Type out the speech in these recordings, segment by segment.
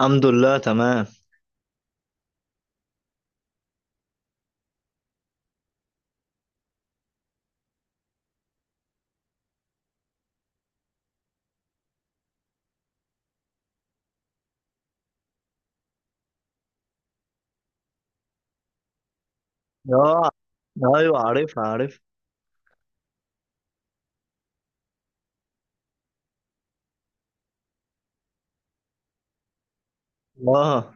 الحمد لله تمام. اه. ايوه، عارفها، عارف. اه.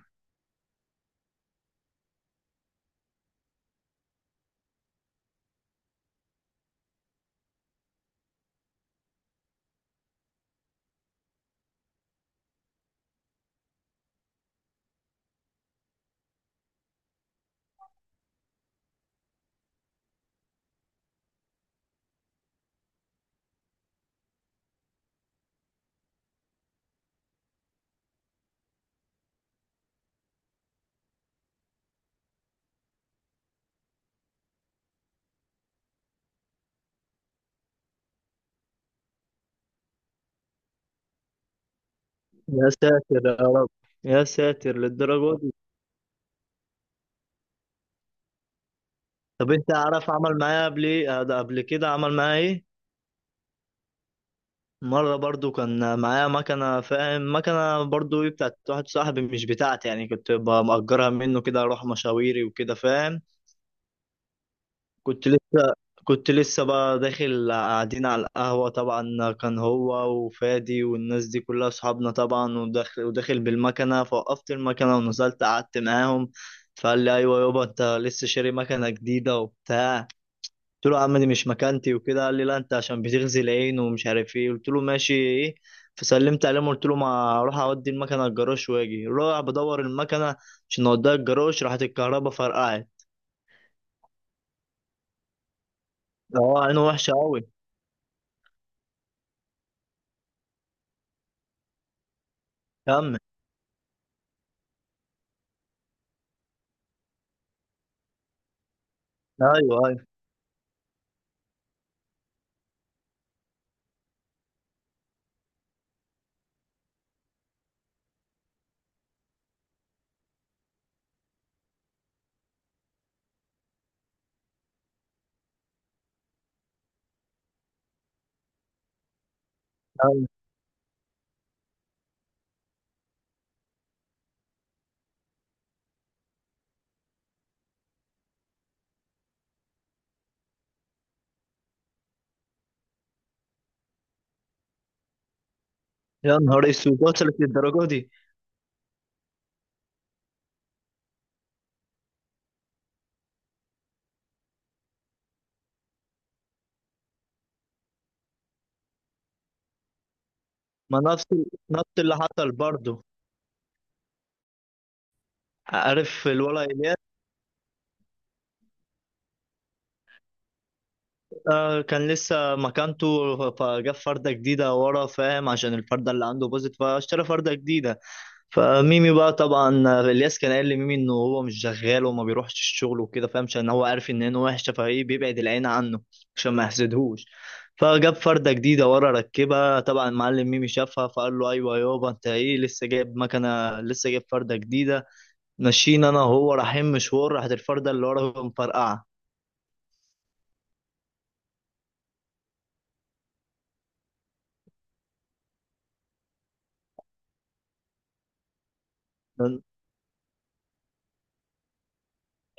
يا ساتر يا رب. يا ساتر للدرجه دي. طب انت عارف عمل معايا قبل ايه؟ ده قبل كده عمل معايا ايه؟ مره برضو كان معايا مكنه، فاهم؟ مكنه برضو ايه، بتاعت واحد صاحبي، مش بتاعتي يعني. كنت بأجرها منه كده اروح مشاويري وكده، فاهم؟ كنت لسه كنت لسه بقى داخل، قاعدين على القهوة. طبعا كان هو وفادي والناس دي كلها أصحابنا. طبعا وداخل بالمكنة فوقفت المكنة ونزلت قعدت معاهم. فقال لي أيوة يابا، أنت لسه شاري مكنة جديدة وبتاع. قلت له يا عم دي مش مكانتي وكده. قال لي لا، أنت عشان بتغزي العين ومش عارف إيه. قلت له ماشي إيه. فسلمت عليهم قلت له ما أروح أودي المكنة الجراج وأجي. رايح بدور المكنة عشان أوديها الجراج، راحت الكهرباء فرقعت. أه عينه وحشة أوي. كمل. ايوه، ايوه، ايوه. يا نهار اسود، وصلت للدرجه دي. ما نفس نفس اللي حصل برضه. عارف الولد إيه؟ كان لسه مكانته فجاب فردة جديدة ورا، فاهم؟ عشان الفردة اللي عنده باظت فاشترى فردة جديدة. فميمي بقى طبعا الياس كان قال لميمي انه هو مش شغال وما بيروحش الشغل وكده، فاهم؟ عشان هو عارف ان عينه وحشة فايه بيبعد العين عنه عشان ما يحسدهوش. فجاب فردة جديدة ورا ركبها. طبعا معلم ميمي شافها فقال له ايوه يابا، انت ايه لسه جايب مكنة لسه جايب فردة جديدة. ماشيين انا وهو رايحين مشوار، راحت الفردة اللي ورا مفرقعة.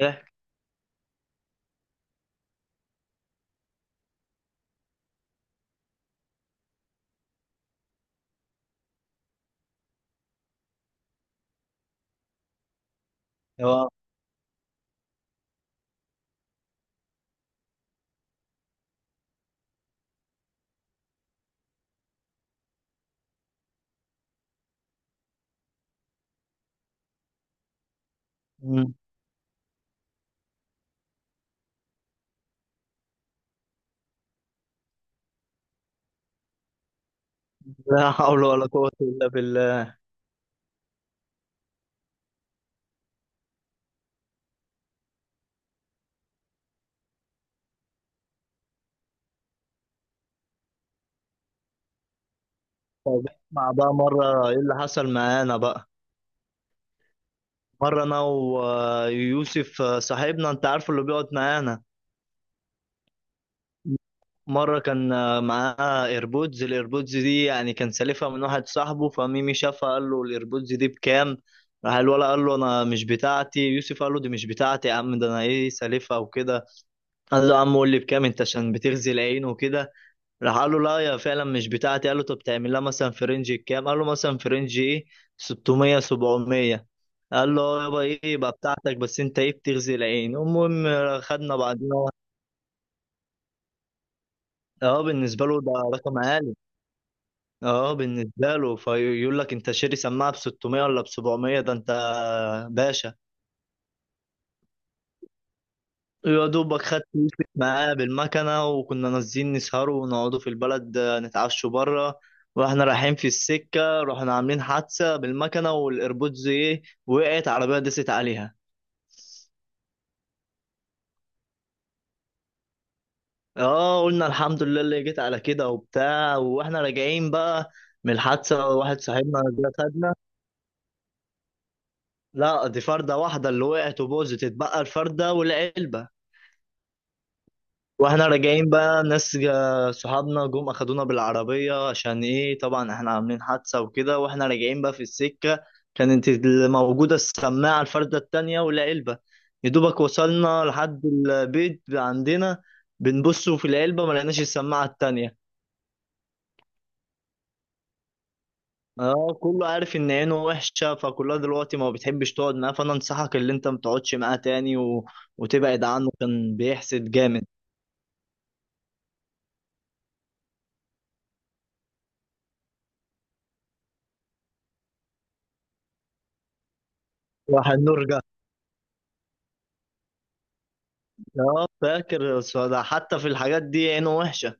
ايه هو! لا حول ولا قوة إلا بالله. طب اسمع بقى، مرة إيه اللي حصل معانا بقى. مرة أنا ويوسف صاحبنا أنت عارفه اللي بيقعد معانا. مرة كان معاه إيربودز. الإيربودز دي يعني كان سالفها من واحد صاحبه. فميمي شافها قال له الإيربودز دي بكام؟ راح الولا قال له أنا مش بتاعتي يوسف، قال له دي مش بتاعتي يا عم، ده أنا إيه سالفها وكده. قال له يا عم قول لي بكام أنت عشان بتغزي العين وكده. راح قال له لا يا فعلا مش بتاعتي. قال له طب تعمل لها مثلا في رينج كام؟ قال له مثلا في رينج ايه، 600 700. قال له اه يابا، ايه يبقى بتاعتك، بس انت ايه بتغزي العين. المهم خدنا بعدين. اه بالنسبه له ده رقم عالي. اه بالنسبه له فيقول لك انت شاري سماعه ب 600 ولا ب 700، ده انت باشا. يا دوبك خدت يوسف معاه بالمكنة، وكنا نازلين نسهروا ونقعدوا في البلد نتعشوا بره. واحنا رايحين في السكة رحنا عاملين حادثة بالمكنة، والايربودز ايه وقعت عربية دست عليها. اه، قلنا الحمد لله اللي جيت على كده وبتاع. واحنا راجعين بقى من الحادثة واحد صاحبنا جه خدنا. لا، دي فردة واحدة اللي وقعت وبوظت، اتبقى الفردة والعلبة. واحنا راجعين بقى صحابنا جم اخدونا بالعربية عشان ايه. طبعا احنا عاملين حادثة وكده، واحنا راجعين بقى في السكة كانت اللي موجودة السماعة الفردة التانية ولا علبة. يدوبك وصلنا لحد البيت عندنا. بنبص في العلبة ما لقيناش السماعة التانية. اه كله عارف ان عينه وحشة، فكلها دلوقتي ما بتحبش تقعد معاه. فانا انصحك اللي انت ما تقعدش معاه تاني و... وتبعد عنه، كان بيحسد جامد. راح النور. اه فاكر، بس ده حتى في الحاجات دي عينه وحشة.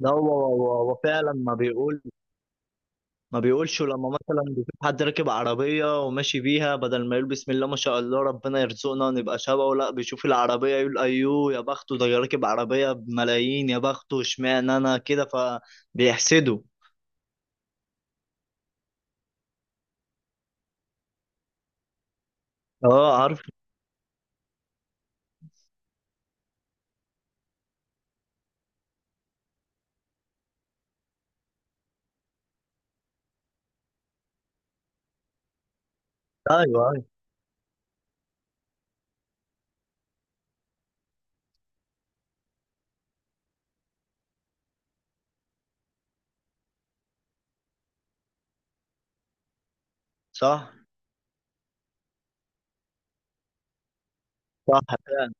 لا هو فعلا ما بيقولش لما مثلا بيشوف حد راكب عربية وماشي بيها، بدل ما يقول بسم الله ما شاء الله ربنا يرزقنا نبقى شبهه، لا بيشوف العربية يقول أيوه يا بخته، ده راكب عربية بملايين، يا بخته اشمعنى أنا كده، فبيحسده. اه عارف. ايوه، ايوه. صح، صح، فعلا.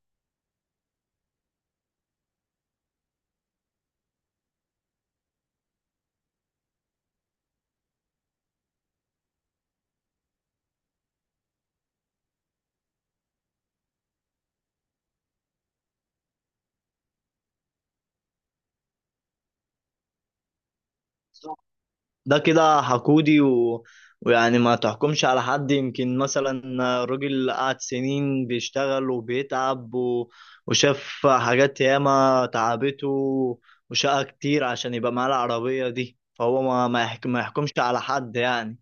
ده كده حقودي و... ويعني ما تحكمش على حد. يمكن مثلا راجل قعد سنين بيشتغل وبيتعب و... وشاف حاجات ياما تعبته، وشقى كتير عشان يبقى معاه العربية دي. فهو ما يحكمش على حد يعني.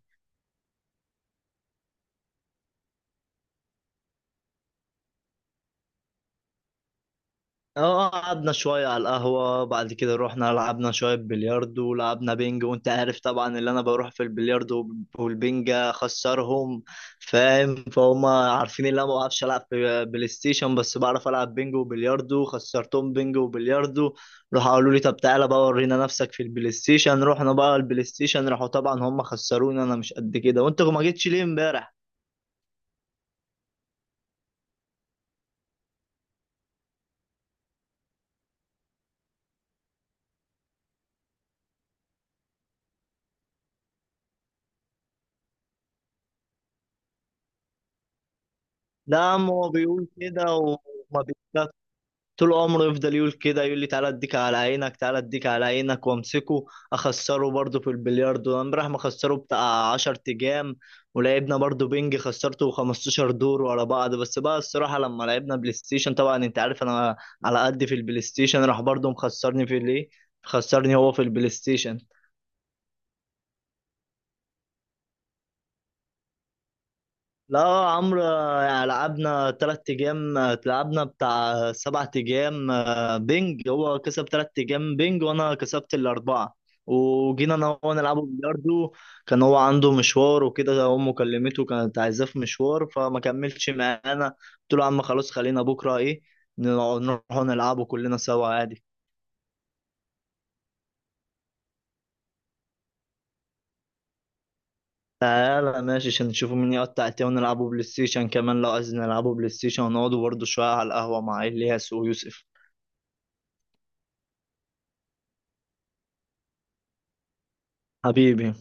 اه، اه، قعدنا شوية على القهوة. بعد كده رحنا لعبنا شوية بلياردو ولعبنا بينج. وانت عارف طبعا اللي انا بروح في البلياردو والبينج اخسرهم، فاهم؟ فهم عارفين ان انا ما بعرفش العب في بلاي ستيشن، بس بعرف العب بينج وبلياردو. خسرتهم بينج وبلياردو. راحوا قالوا لي طب تعالى بقى ورينا نفسك في البلاي ستيشن. رحنا بقى البلاي ستيشن، راحوا طبعا هم خسروني، انا مش قد كده. وانت ما جيتش ليه امبارح؟ لا، ما هو بيقول كده. وما طول عمره يفضل يقول كده، يقول لي تعالى اديك على عينك تعالى اديك على عينك وامسكه. اخسره برضه في البلياردو. انا راح مخسره بتاع 10 تجام. ولعبنا برضه بينج خسرته 15 دور ورا بعض. بس بقى الصراحة لما لعبنا بلاي ستيشن، طبعا انت عارف انا على قد في البلاي ستيشن، راح برضه مخسرني في الايه. خسرني هو في البلاي ستيشن. لا يا عمرو، يعني لعبنا 3 أيام لعبنا بتاع 7 أيام بينج. هو كسب 3 أيام بينج وأنا كسبت الأربعة. وجينا أنا وهو نلعبه بلياردو. كان هو عنده مشوار وكده، أمه كلمته كانت عايزاه في مشوار فما كملش معانا. قلت له يا عم خلاص، خلينا بكرة إيه نروحوا نلعبوا كلنا سوا عادي. تعالى ماشي، عشان نشوفوا مين يقطع التاني ونلعبوا بلاي ستيشن كمان لو عايزين. نلعبوا بلاي ستيشن ونقعدوا برضه شوية على القهوة مع إلياس ويوسف. حبيبي.